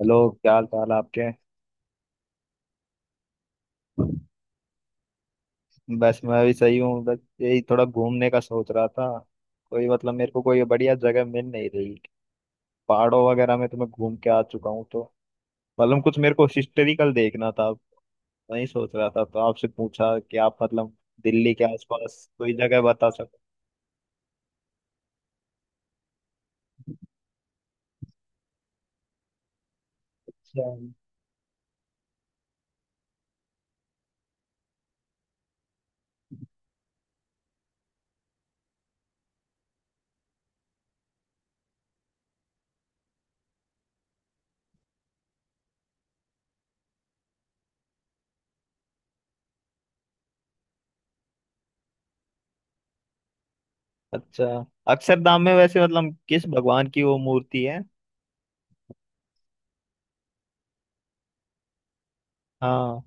Hello. क्या हाल चाल आपके। बस मैं भी सही हूँ, बस यही थोड़ा घूमने का सोच रहा था। कोई मतलब मेरे को कोई बढ़िया जगह मिल नहीं रही। पहाड़ों वगैरह में तो मैं घूम के आ चुका हूँ, तो मतलब कुछ मेरे को हिस्टोरिकल देखना था। वही सोच रहा था तो आपसे पूछा कि आप मतलब दिल्ली के आसपास कोई जगह बता सको। अच्छा। अच्छा, अक्षरधाम में वैसे मतलब किस भगवान की वो मूर्ति है। हाँ।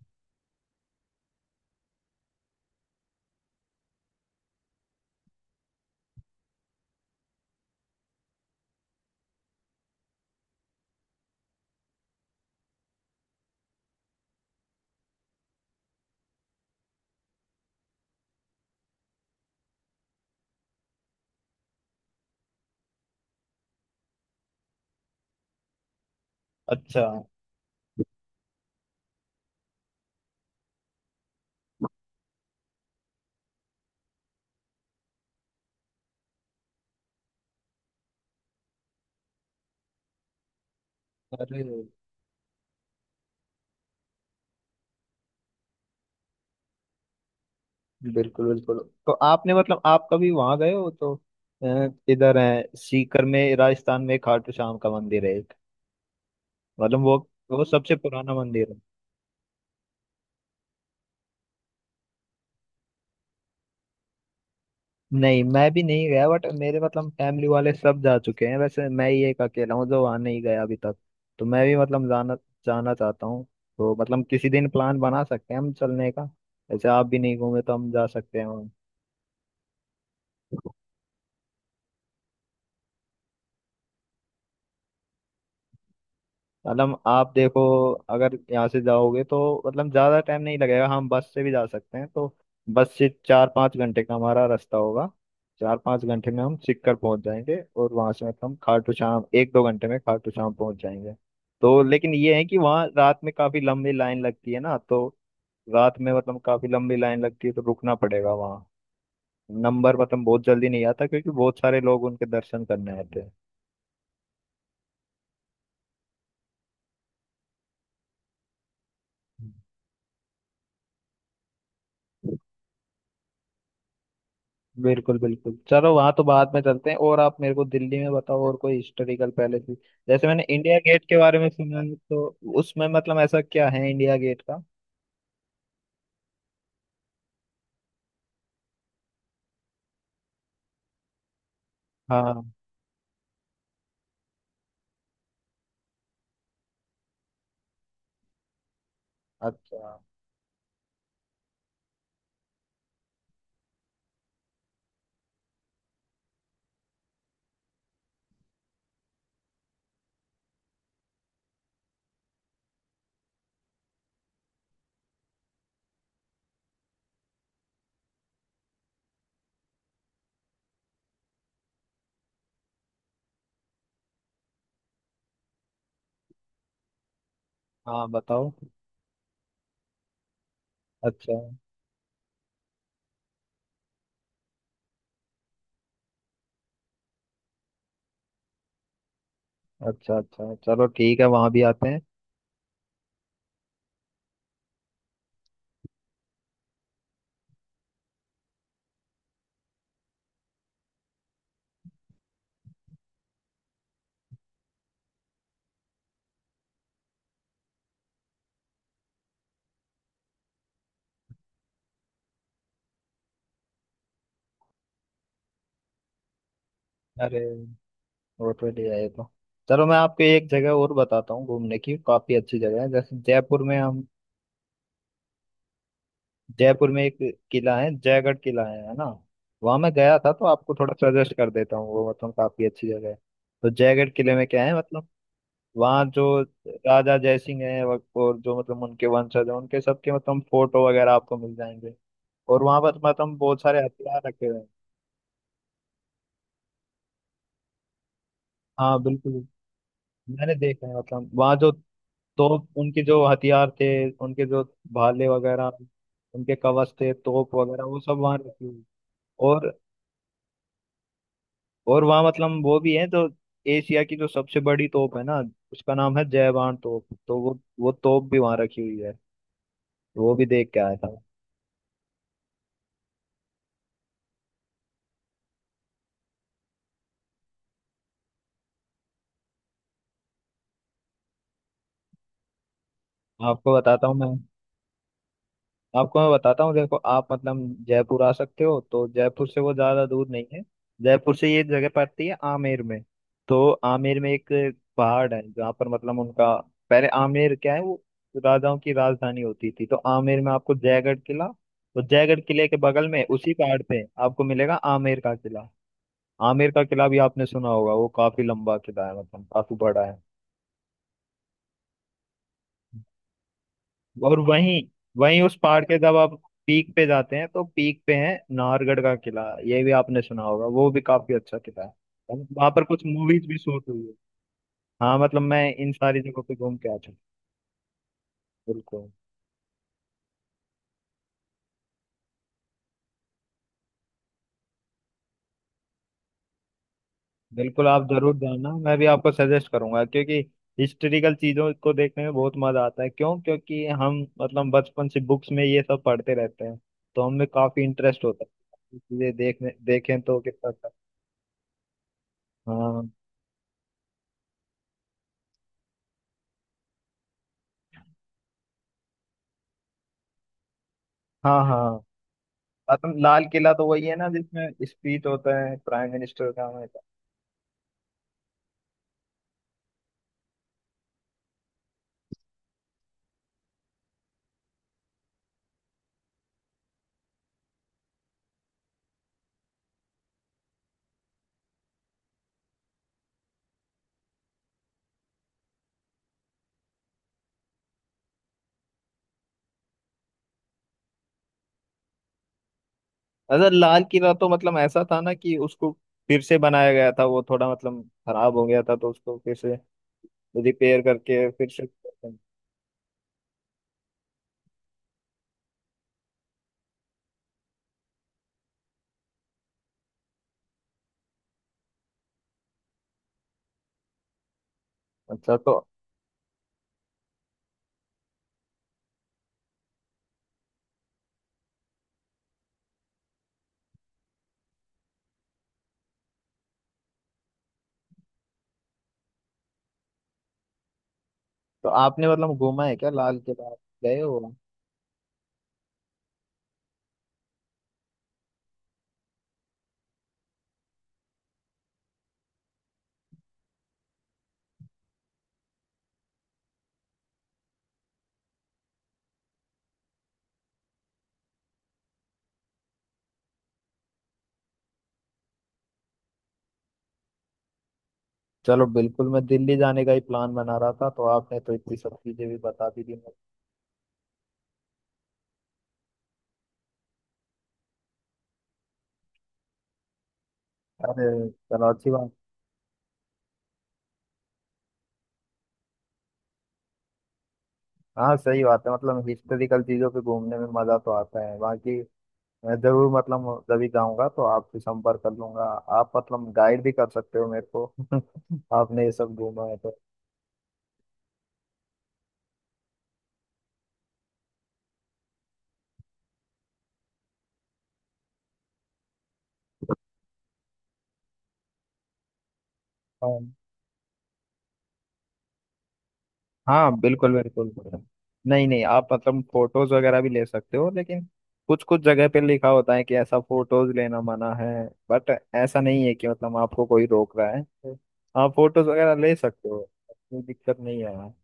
अच्छा। अरे, बिल्कुल बिल्कुल। तो आपने मतलब आप कभी वहां गए हो तो इधर है सीकर में, राजस्थान में खाटू श्याम का मंदिर है एक, मतलब वो सबसे पुराना मंदिर है। नहीं, मैं भी नहीं गया, बट मेरे मतलब फैमिली वाले सब जा चुके हैं। वैसे मैं ही एक अकेला हूँ जो वहां नहीं गया अभी तक। तो मैं भी मतलब जाना जाना चाहता हूँ। तो मतलब किसी दिन प्लान बना सकते हैं हम चलने का। जैसे आप भी नहीं घूमे, तो हम जा सकते हैं वहाँ। मतलब आप देखो, अगर यहाँ से जाओगे तो मतलब ज़्यादा टाइम नहीं लगेगा। हम बस से भी जा सकते हैं, तो बस से चार पाँच घंटे का हमारा रास्ता होगा। चार पाँच घंटे में हम सिक्कर पहुंच जाएंगे और वहां से मतलब हम खाटू श्याम एक दो घंटे में खाटू श्याम पहुंच जाएंगे। तो लेकिन ये है कि वहाँ रात में काफ़ी लंबी लाइन लगती है ना, तो रात में मतलब काफ़ी लंबी लाइन लगती है, तो रुकना पड़ेगा वहाँ। नंबर मतलब बहुत जल्दी नहीं आता, क्योंकि बहुत सारे लोग उनके दर्शन करने आते हैं। बिल्कुल बिल्कुल, चलो वहां तो बाद में चलते हैं। और आप मेरे को दिल्ली में बताओ और कोई हिस्टोरिकल पैलेस भी। जैसे मैंने इंडिया गेट के बारे में सुना है, तो उसमें मतलब ऐसा क्या है इंडिया गेट का। हाँ। अच्छा। हाँ, बताओ। अच्छा। अच्छा अच्छा, चलो ठीक है, वहां भी आते हैं। अरे, वो तो ले आए तो, चलो मैं आपको एक जगह और बताता हूँ, घूमने की काफी अच्छी जगह है। जैसे जयपुर में हम, जयपुर में एक किला है, जयगढ़ किला है ना। वहां मैं गया था तो आपको थोड़ा सजेस्ट कर देता हूँ, वो मतलब काफी अच्छी जगह है। तो जयगढ़ किले में क्या है मतलब, वहाँ जो राजा जयसिंह है, और जो मतलब उनके वंशज हैं उनके सबके मतलब फोटो वगैरह आपको मिल जाएंगे। और वहां पर मतलब बहुत सारे हथियार रखे हुए हैं। हाँ, बिल्कुल, मैंने देखा है। मतलब वहाँ जो तोप, उनके जो हथियार थे, उनके जो भाले वगैरह, उनके कवच थे, तोप वगैरह वो सब वहाँ रखी हुई है। और और वहाँ मतलब वो भी है तो एशिया की जो सबसे बड़ी तोप है ना, उसका नाम है जयवान तोप, तो वो तोप भी वहाँ रखी हुई है। वो भी देख के आया था। आपको बताता हूँ मैं, आपको मैं बताता हूँ, देखो आप मतलब जयपुर आ सकते हो तो जयपुर से वो ज़्यादा दूर नहीं है। जयपुर से ये जगह पड़ती है आमेर में। तो आमेर में एक पहाड़ है जहाँ पर मतलब उनका, पहले आमेर क्या है, वो राजाओं की राजधानी होती थी। तो आमेर में आपको जयगढ़ किला, तो जयगढ़ किले के बगल में उसी पहाड़ पे आपको मिलेगा आमेर का किला। आमेर का किला भी आपने सुना होगा, वो काफी लंबा किला है, मतलब काफी बड़ा है। और वहीं वहीं उस पहाड़ के जब आप पीक पे जाते हैं तो पीक पे है नाहरगढ़ का किला। ये भी आपने सुना होगा, वो भी काफी अच्छा किला है। वहां पर कुछ मूवीज भी शूट हुई है। हाँ मतलब मैं इन सारी जगहों पे घूम के आ चुका हूँ। बिल्कुल बिल्कुल, आप जरूर जाना। मैं भी आपको सजेस्ट करूंगा, क्योंकि हिस्टोरिकल चीजों को देखने में बहुत मजा आता है। क्यों, क्योंकि हम मतलब बचपन से बुक्स में ये सब पढ़ते रहते हैं, तो हमें काफी इंटरेस्ट होता है चीजें देखने। देखें तो कितना अच्छा। हाँ। हाँ। हाँ मतलब लाल किला तो वही है ना जिसमें स्पीच होता है प्राइम मिनिस्टर का हमेशा। अगर लाल किला तो मतलब ऐसा था ना कि उसको फिर से बनाया गया था। वो थोड़ा मतलब खराब हो गया था तो उसको फिर से रिपेयर करके फिर से। अच्छा, तो आपने मतलब घूमा है क्या लाल किला, आप गए हो। चलो बिल्कुल, मैं दिल्ली जाने का ही प्लान बना रहा था, तो आपने तो इतनी सब चीजें भी बता दी थी। अरे, चलो, अच्छी बात। हाँ सही बात है, मतलब हिस्टोरिकल चीजों पे घूमने में मजा तो आता है बाकी। मैं जरूर मतलब जब भी जाऊंगा तो आपसे संपर्क कर लूंगा। आप मतलब गाइड भी कर सकते हो मेरे को आपने ये सब घूमा है तो। हाँ। हाँ, बिल्कुल बिल्कुल। नहीं नहीं, आप मतलब फोटोज वगैरह भी ले सकते हो, लेकिन कुछ कुछ जगह पे लिखा होता है कि ऐसा फोटोज लेना मना है। बट ऐसा नहीं है कि मतलब आपको कोई रोक रहा है, तो आप फोटोज वगैरह ले सकते हो। कोई दिक्कत नहीं है वहाँ।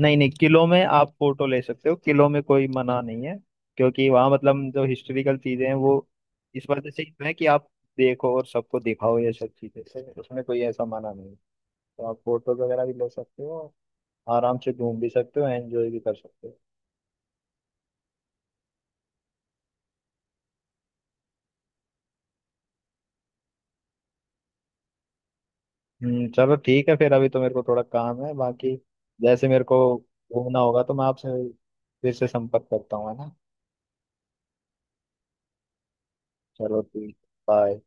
नहीं नहीं, किलो में आप फोटो ले सकते हो, किलो में कोई मना नहीं है। क्योंकि वहाँ मतलब जो हिस्टोरिकल चीजें हैं, वो इस वजह से है कि आप देखो और सबको दिखाओ ये सब चीजें, तो उसमें कोई ऐसा मना नहीं है। तो आप फोटोज वगैरह भी ले सकते हो, आराम से घूम भी सकते हो, एंजॉय भी कर सकते हो। हम्म, चलो ठीक है फिर। अभी तो मेरे को थोड़ा काम है बाकी। जैसे मेरे को घूमना होगा तो मैं आपसे फिर से संपर्क करता हूँ, है ना। चलो ठीक। बाय।